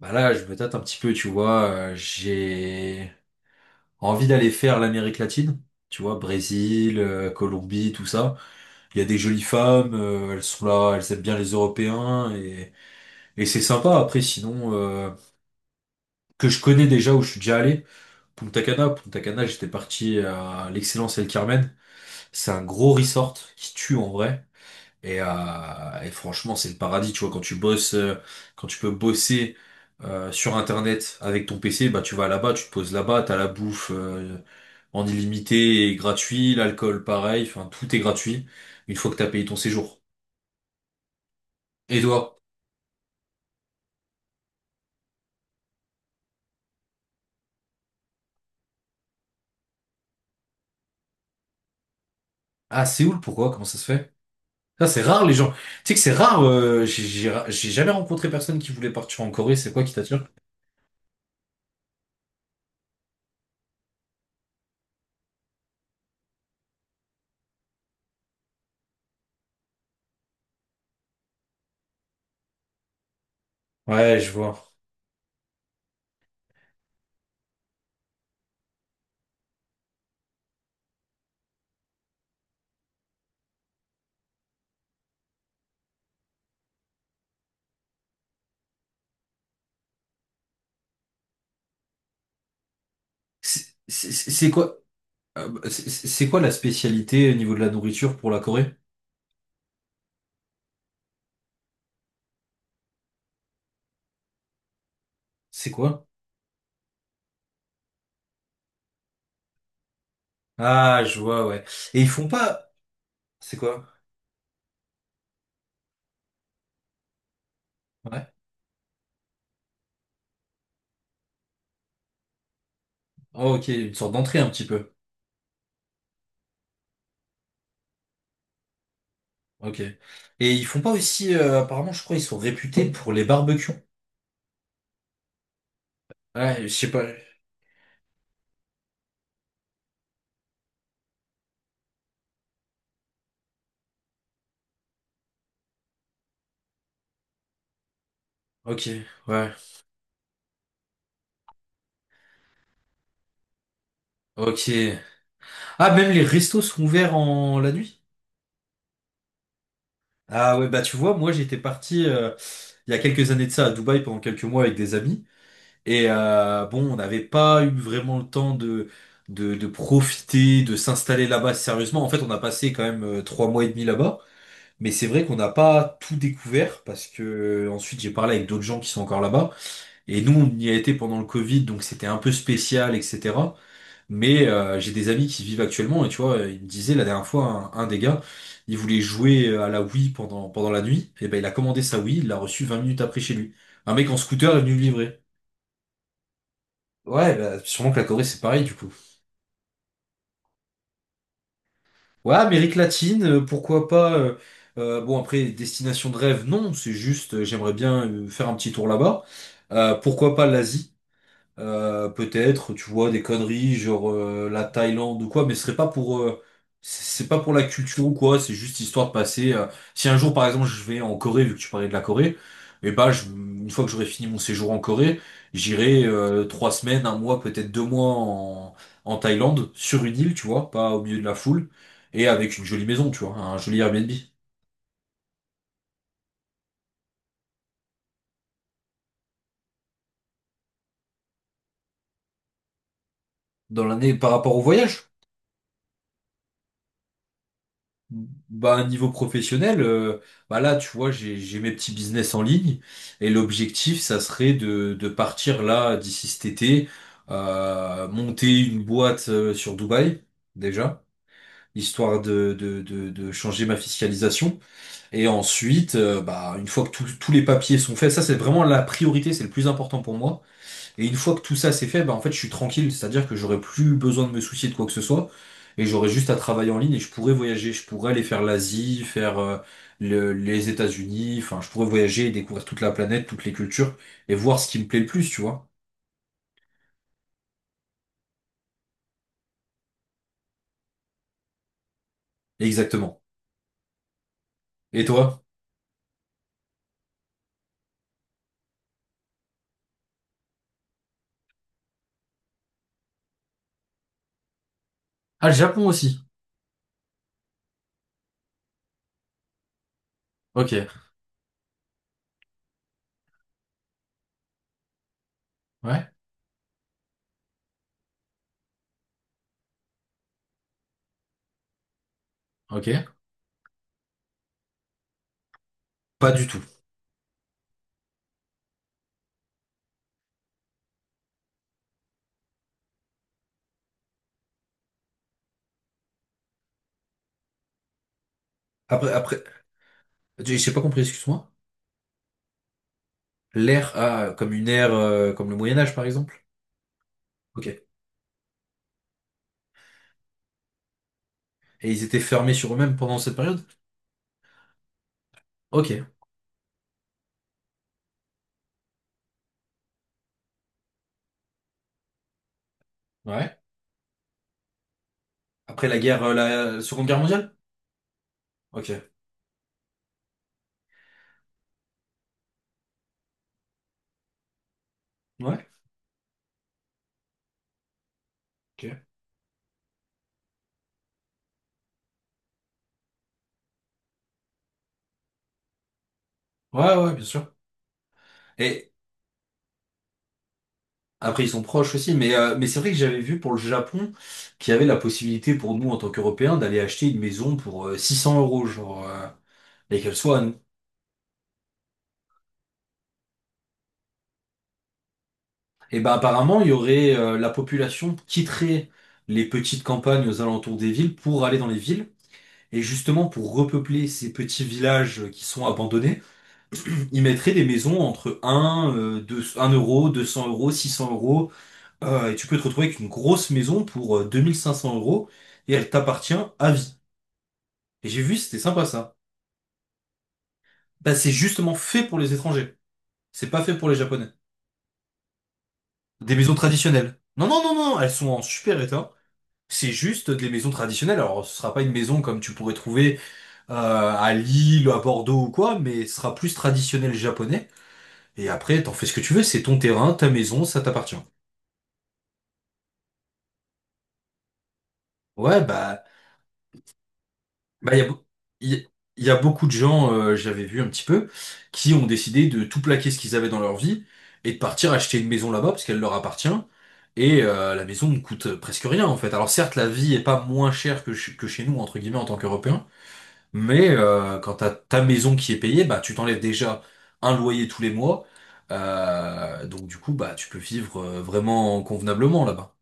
Bah là, je me tâte un petit peu, tu vois. J'ai envie d'aller faire l'Amérique latine, tu vois, Brésil, Colombie, tout ça. Il y a des jolies femmes, elles sont là, elles aiment bien les Européens et c'est sympa. Après, sinon, que je connais déjà où je suis déjà allé, Punta Cana. Punta Cana, j'étais parti à l'Excellence El Carmen. C'est un gros resort qui tue en vrai. Et franchement, c'est le paradis, tu vois, quand tu bosses, quand tu peux bosser sur Internet avec ton PC, bah tu vas là-bas, tu te poses là-bas, t'as la bouffe en illimité et gratuit, l'alcool pareil, enfin tout est gratuit une fois que t'as payé ton séjour. Et toi? À Séoul, pourquoi? Comment ça se fait? Ça, c'est rare les gens. Tu sais que c'est rare, j'ai jamais rencontré personne qui voulait partir en Corée, c'est quoi qui t'attire? Ouais, je vois. C'est quoi, c'est quoi la spécialité au niveau de la nourriture pour la Corée? C'est quoi? Ah, je vois, ouais. Et ils font pas... C'est quoi? Ouais. Oh, ok, une sorte d'entrée un petit peu. Ok. Et ils font pas aussi... apparemment, je crois, ils sont réputés pour les barbecues. Ouais, je sais pas. Ok, ouais. Ok. Ah, même les restos sont ouverts en la nuit? Ah ouais, bah tu vois, moi j'étais parti il y a quelques années de ça à Dubaï pendant quelques mois avec des amis. Et bon, on n'avait pas eu vraiment le temps de profiter, de s'installer là-bas sérieusement. En fait, on a passé quand même 3 mois et demi là-bas. Mais c'est vrai qu'on n'a pas tout découvert parce que ensuite j'ai parlé avec d'autres gens qui sont encore là-bas. Et nous, on y a été pendant le Covid, donc c'était un peu spécial, etc. Mais j'ai des amis qui vivent actuellement et tu vois, il me disait la dernière fois, un des gars, il voulait jouer à la Wii pendant la nuit. Et ben il a commandé sa Wii, il l'a reçue 20 minutes après chez lui. Un mec en scooter est venu le livrer. Ouais, bah, sûrement que la Corée c'est pareil du coup. Ouais, Amérique latine, pourquoi pas. Bon, après, destination de rêve, non, c'est juste, j'aimerais bien faire un petit tour là-bas. Pourquoi pas l'Asie? Peut-être, tu vois, des conneries, genre la Thaïlande ou quoi, mais ce serait pas pour, c'est pas pour la culture ou quoi, c'est juste histoire de passer. Si un jour, par exemple, je vais en Corée, vu que tu parlais de la Corée, et bah, une fois que j'aurai fini mon séjour en Corée, j'irai 3 semaines, un mois, peut-être 2 mois en Thaïlande, sur une île, tu vois, pas au milieu de la foule, et avec une jolie maison, tu vois, un joli Airbnb dans l'année par rapport au voyage. Bah, niveau professionnel, bah là, tu vois, j'ai mes petits business en ligne et l'objectif, ça serait de partir là d'ici cet été, monter une boîte sur Dubaï, déjà, histoire de changer ma fiscalisation. Et ensuite, bah, une fois que tous les papiers sont faits, ça, c'est vraiment la priorité, c'est le plus important pour moi. Et une fois que tout ça c'est fait, bah en fait je suis tranquille, c'est-à-dire que j'aurais plus besoin de me soucier de quoi que ce soit, et j'aurais juste à travailler en ligne et je pourrais voyager, je pourrais aller faire l'Asie, faire les États-Unis, enfin je pourrais voyager et découvrir toute la planète, toutes les cultures, et voir ce qui me plaît le plus, tu vois. Exactement. Et toi? Ah, le Japon aussi. Ok. Ouais. Ok. Pas du tout. Après, j'ai pas compris, excuse-moi. L'ère, ah, comme une ère, comme le Moyen Âge par exemple. Ok. Et ils étaient fermés sur eux-mêmes pendant cette période? Ok. Ouais. Après la guerre, la Seconde Guerre mondiale? Ok. Ouais. Ok. Ouais, ouais, bien sûr. Et après, ils sont proches aussi, mais c'est vrai que j'avais vu pour le Japon qu'il y avait la possibilité pour nous, en tant qu'Européens, d'aller acheter une maison pour 600 euros, genre, et qu'elle soit à nous. Et ben apparemment, il y aurait la population quitterait les petites campagnes aux alentours des villes pour aller dans les villes. Et justement, pour repeupler ces petits villages qui sont abandonnés, ils mettraient des maisons entre un, 2, 1 euro, 200 euros, 600 euros. Et tu peux te retrouver avec une grosse maison pour 2 500 euros et elle t'appartient à vie. Et j'ai vu, c'était sympa ça. Bah, c'est justement fait pour les étrangers. C'est pas fait pour les Japonais. Des maisons traditionnelles. Non, non, non, non, elles sont en super état. C'est juste des maisons traditionnelles. Alors, ce sera pas une maison comme tu pourrais trouver euh, à Lille, à Bordeaux ou quoi, mais ce sera plus traditionnel japonais. Et après, t'en fais ce que tu veux, c'est ton terrain, ta maison, ça t'appartient. Ouais, bah, il y- il y a beaucoup de gens, j'avais vu un petit peu, qui ont décidé de tout plaquer ce qu'ils avaient dans leur vie et de partir acheter une maison là-bas parce qu'elle leur appartient. Et la maison ne coûte presque rien en fait. Alors certes, la vie est pas moins chère que, que chez nous, entre guillemets, en tant qu'Européens, mais quand t'as ta maison qui est payée, bah tu t'enlèves déjà un loyer tous les mois. Donc du coup, bah tu peux vivre vraiment convenablement là-bas.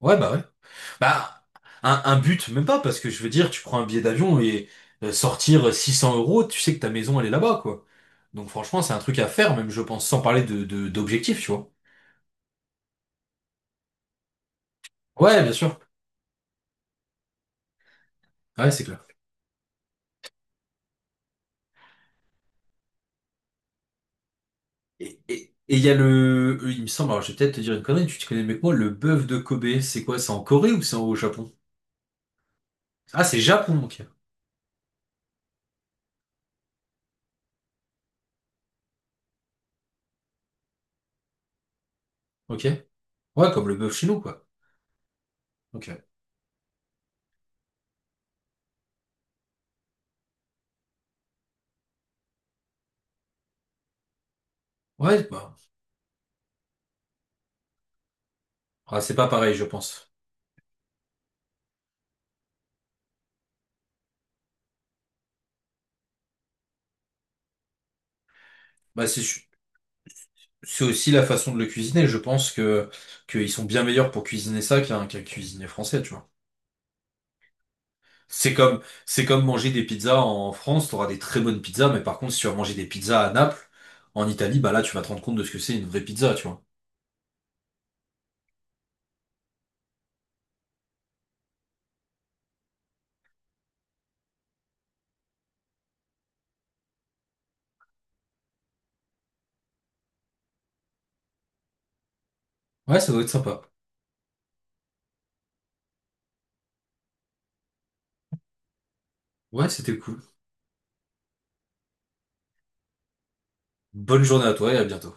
Ouais. Bah, un but, même pas, parce que je veux dire, tu prends un billet d'avion et sortir 600 euros, tu sais que ta maison, elle est là-bas, quoi. Donc franchement, c'est un truc à faire, même je pense, sans parler d'objectif, tu vois. Ouais, bien sûr. Ouais, c'est clair. Et il y a le, il me semble, alors je vais peut-être te dire une connerie, tu te connais mieux que moi, le bœuf de Kobe, c'est quoi? C'est en Corée ou c'est au Japon? Ah, c'est Japon, ok. Ok. Ouais, comme le bœuf chez nous, quoi. Ok. Ouais, bah, ah, c'est pas pareil, je pense. Bah, c'est aussi la façon de le cuisiner. Je pense que qu'ils sont bien meilleurs pour cuisiner ça qu'un cuisinier français, tu vois. C'est comme manger des pizzas en France, t'auras des très bonnes pizzas, mais par contre, si tu vas manger des pizzas à Naples, en Italie, bah là, tu vas te rendre compte de ce que c'est une vraie pizza, tu vois. Ouais, ça doit être sympa. Ouais, c'était cool. Bonne journée à toi et à bientôt.